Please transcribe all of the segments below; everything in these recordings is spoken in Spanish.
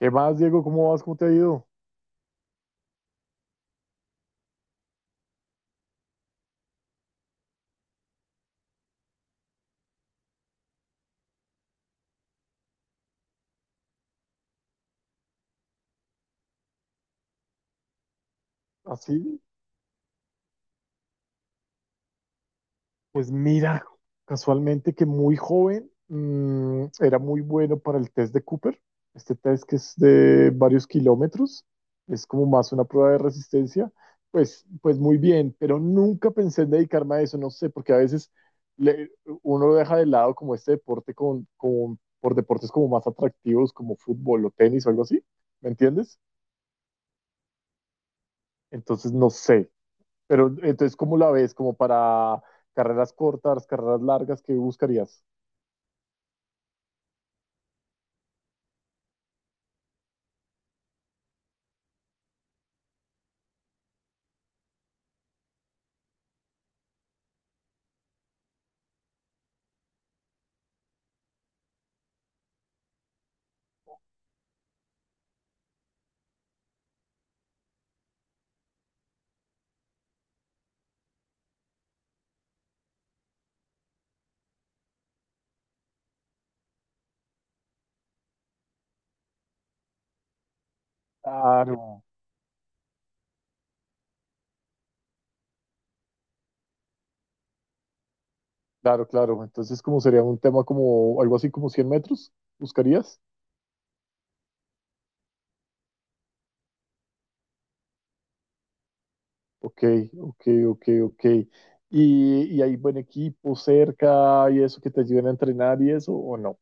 ¿Qué más, Diego? ¿Cómo vas? ¿Cómo te ha ido? Así, pues mira, casualmente que muy joven era muy bueno para el test de Cooper. Este test que es de varios kilómetros, es como más una prueba de resistencia. Pues muy bien, pero nunca pensé en dedicarme a eso, no sé, porque a veces le- uno lo deja de lado como este deporte por deportes como más atractivos, como fútbol o tenis o algo así, ¿me entiendes? Entonces, no sé, pero entonces, ¿cómo la ves? ¿Como para carreras cortas, carreras largas? ¿Qué buscarías? Claro, claro, claro. Entonces, ¿cómo sería un tema como algo así como 100 metros? ¿Buscarías? Ok, ok, ok, ok. Y hay buen equipo cerca y eso que te ayuden a entrenar y eso o no?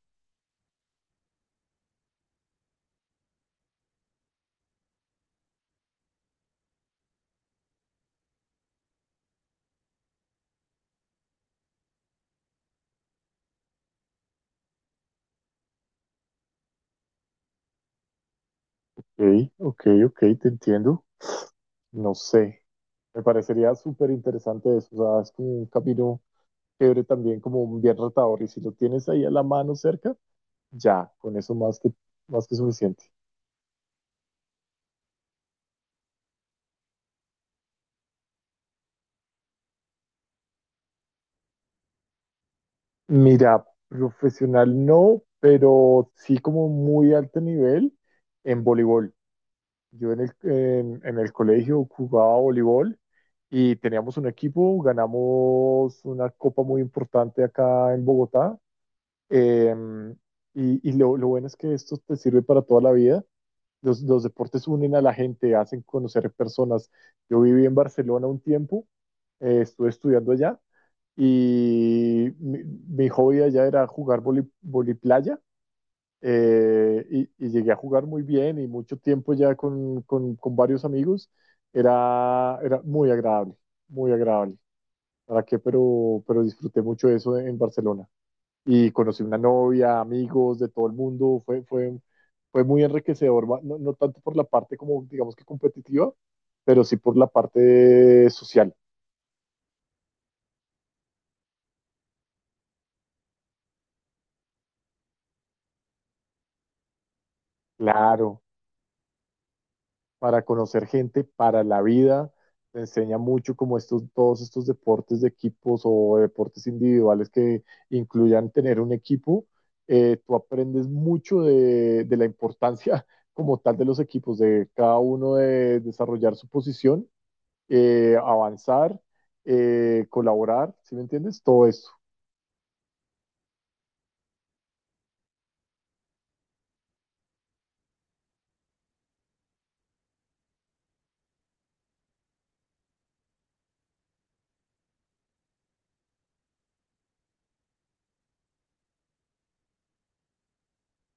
Ok, ok, ok, te entiendo. No sé. Me parecería súper interesante eso. O sea, es como un camino chévere también, como bien retador. Y si lo tienes ahí a la mano cerca, ya, con eso más que suficiente. Mira, profesional no, pero sí como muy alto nivel en voleibol. Yo en el colegio jugaba voleibol y teníamos un equipo, ganamos una copa muy importante acá en Bogotá. em, y lo bueno es que esto te sirve para toda la vida. Los deportes unen a la gente, hacen conocer personas. Yo viví en Barcelona un tiempo, estuve estudiando allá y mi hobby allá era jugar voliplaya. Y llegué a jugar muy bien y mucho tiempo ya con varios amigos. Era muy agradable, muy agradable. ¿Para qué? Pero disfruté mucho eso en Barcelona. Y conocí una novia, amigos de todo el mundo. Fue muy enriquecedor, no, no tanto por la parte como, digamos que competitiva, pero sí por la parte social. Claro, para conocer gente, para la vida. Te enseña mucho como estos, todos estos deportes de equipos o deportes individuales que incluyan tener un equipo. Tú aprendes mucho de la importancia como tal de los equipos, de cada uno de desarrollar su posición, avanzar, colaborar, ¿sí me entiendes? Todo eso.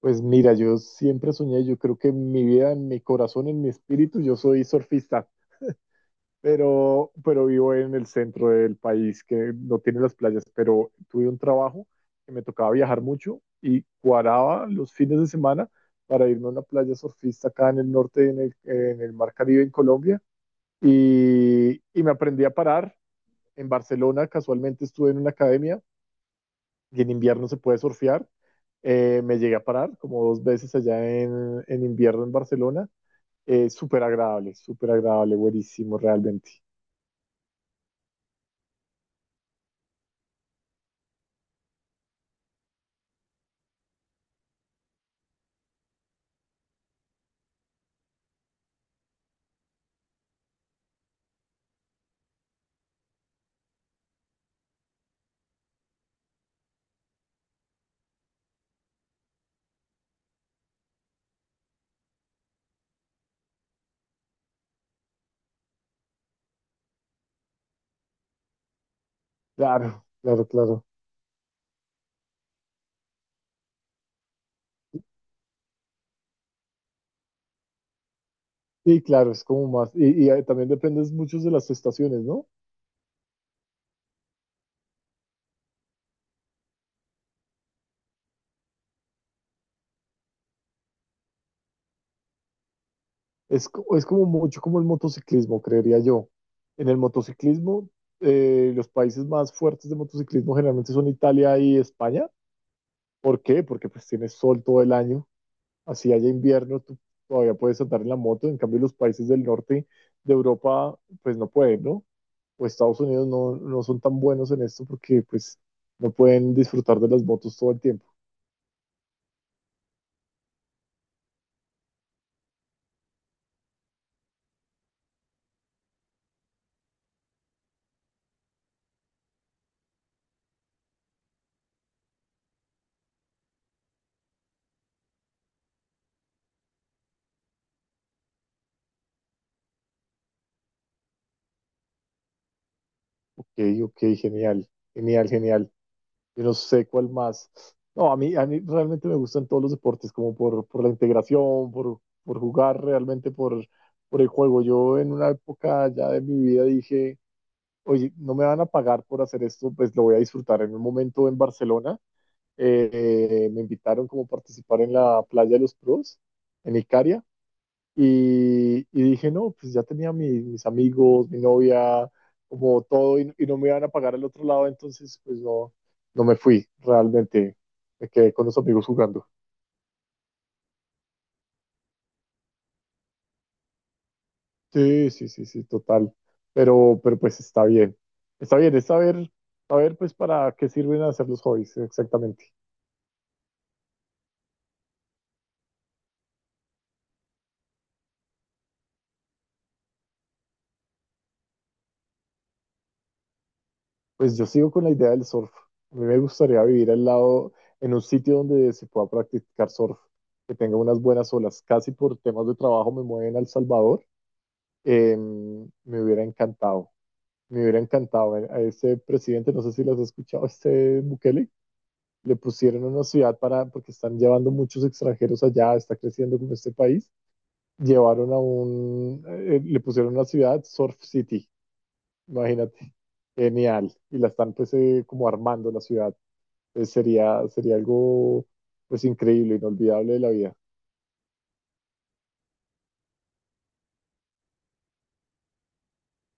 Pues mira, yo siempre soñé, yo creo que en mi vida, en mi corazón, en mi espíritu, yo soy surfista. Pero vivo en el centro del país que no tiene las playas, pero tuve un trabajo que me tocaba viajar mucho y cuadraba los fines de semana para irme a una playa surfista acá en el norte, en el Mar Caribe, en Colombia, y me aprendí a parar. En Barcelona casualmente estuve en una academia y en invierno se puede surfear. Me llegué a parar como dos veces allá en invierno en Barcelona. Súper agradable, buenísimo realmente. Claro, claro, claro. Y claro, es como también dependes mucho de las estaciones, ¿no? Es, es como mucho como el motociclismo, creería yo. En el motociclismo, los países más fuertes de motociclismo generalmente son Italia y España. ¿Por qué? Porque pues tienes sol todo el año, así haya invierno, tú todavía puedes andar en la moto. En cambio, los países del norte de Europa, pues no pueden, ¿no? O Estados Unidos no, no son tan buenos en esto porque pues no pueden disfrutar de las motos todo el tiempo. Ok, ok, genial, genial, genial. Yo no sé cuál más. No, a mí realmente me gustan todos los deportes, como por la integración, por jugar realmente, por el juego. Yo en una época ya de mi vida dije, oye, no me van a pagar por hacer esto, pues lo voy a disfrutar. En un momento en Barcelona me invitaron como a participar en la Playa de los Pros, en Icaria y dije, no, pues ya tenía mis amigos, mi novia, como todo, y no me iban a pagar al otro lado, entonces pues no, no me fui realmente. Me quedé con los amigos jugando. Sí, sí, sí, sí, total. Pero pues está bien. Está bien, es saber, saber pues para qué sirven hacer los hobbies, exactamente. Pues yo sigo con la idea del surf. A mí me gustaría vivir al lado, en un sitio donde se pueda practicar surf, que tenga unas buenas olas. Casi por temas de trabajo me mueven a El Salvador. Me hubiera encantado, me hubiera encantado. A ese presidente, no sé si lo has escuchado, este Bukele, le pusieron una ciudad para, porque están llevando muchos extranjeros allá, está creciendo como este país. Llevaron a un, le pusieron una ciudad, Surf City, imagínate, genial. Y la están pues como armando la ciudad. Entonces, sería, sería algo pues increíble, inolvidable de la vida.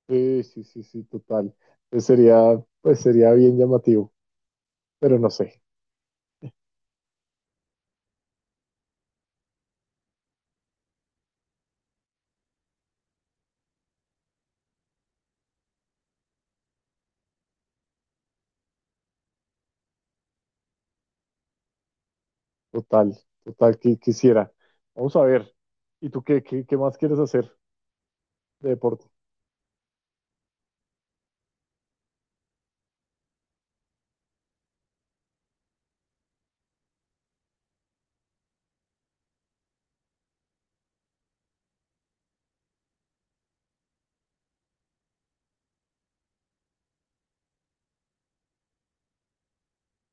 Sí, sí, sí, sí, total. Entonces, sería, pues sería bien llamativo, pero no sé. Total, total, que quisiera. Vamos a ver. ¿Y tú qué, qué, qué más quieres hacer de deporte?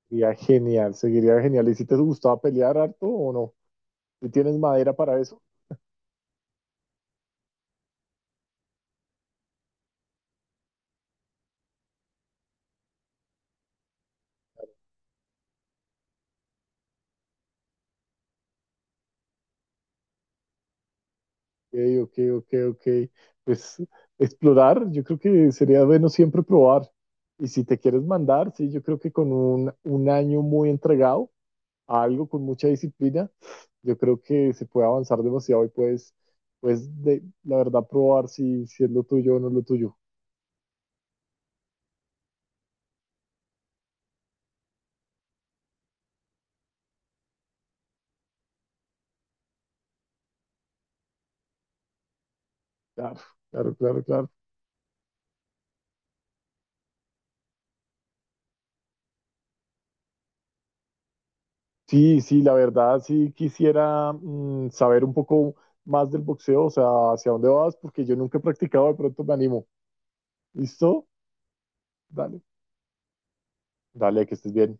Sería genial, seguiría genial. ¿Y si te gustaba pelear harto o no? ¿Y tienes madera para eso? Ok, ok, ok, ok. Pues explorar, yo creo que sería bueno siempre probar. Y si te quieres mandar, sí, yo creo que con un año muy entregado a algo con mucha disciplina, yo creo que se puede avanzar demasiado y puedes, pues, de, la verdad, probar si, si es lo tuyo o no es lo tuyo. Claro, claro, claro, claro. Sí, sí, la verdad, sí quisiera saber un poco más del boxeo, o sea, hacia dónde vas, porque yo nunca he practicado, de pronto me animo. ¿Listo? Dale. Dale, que estés bien.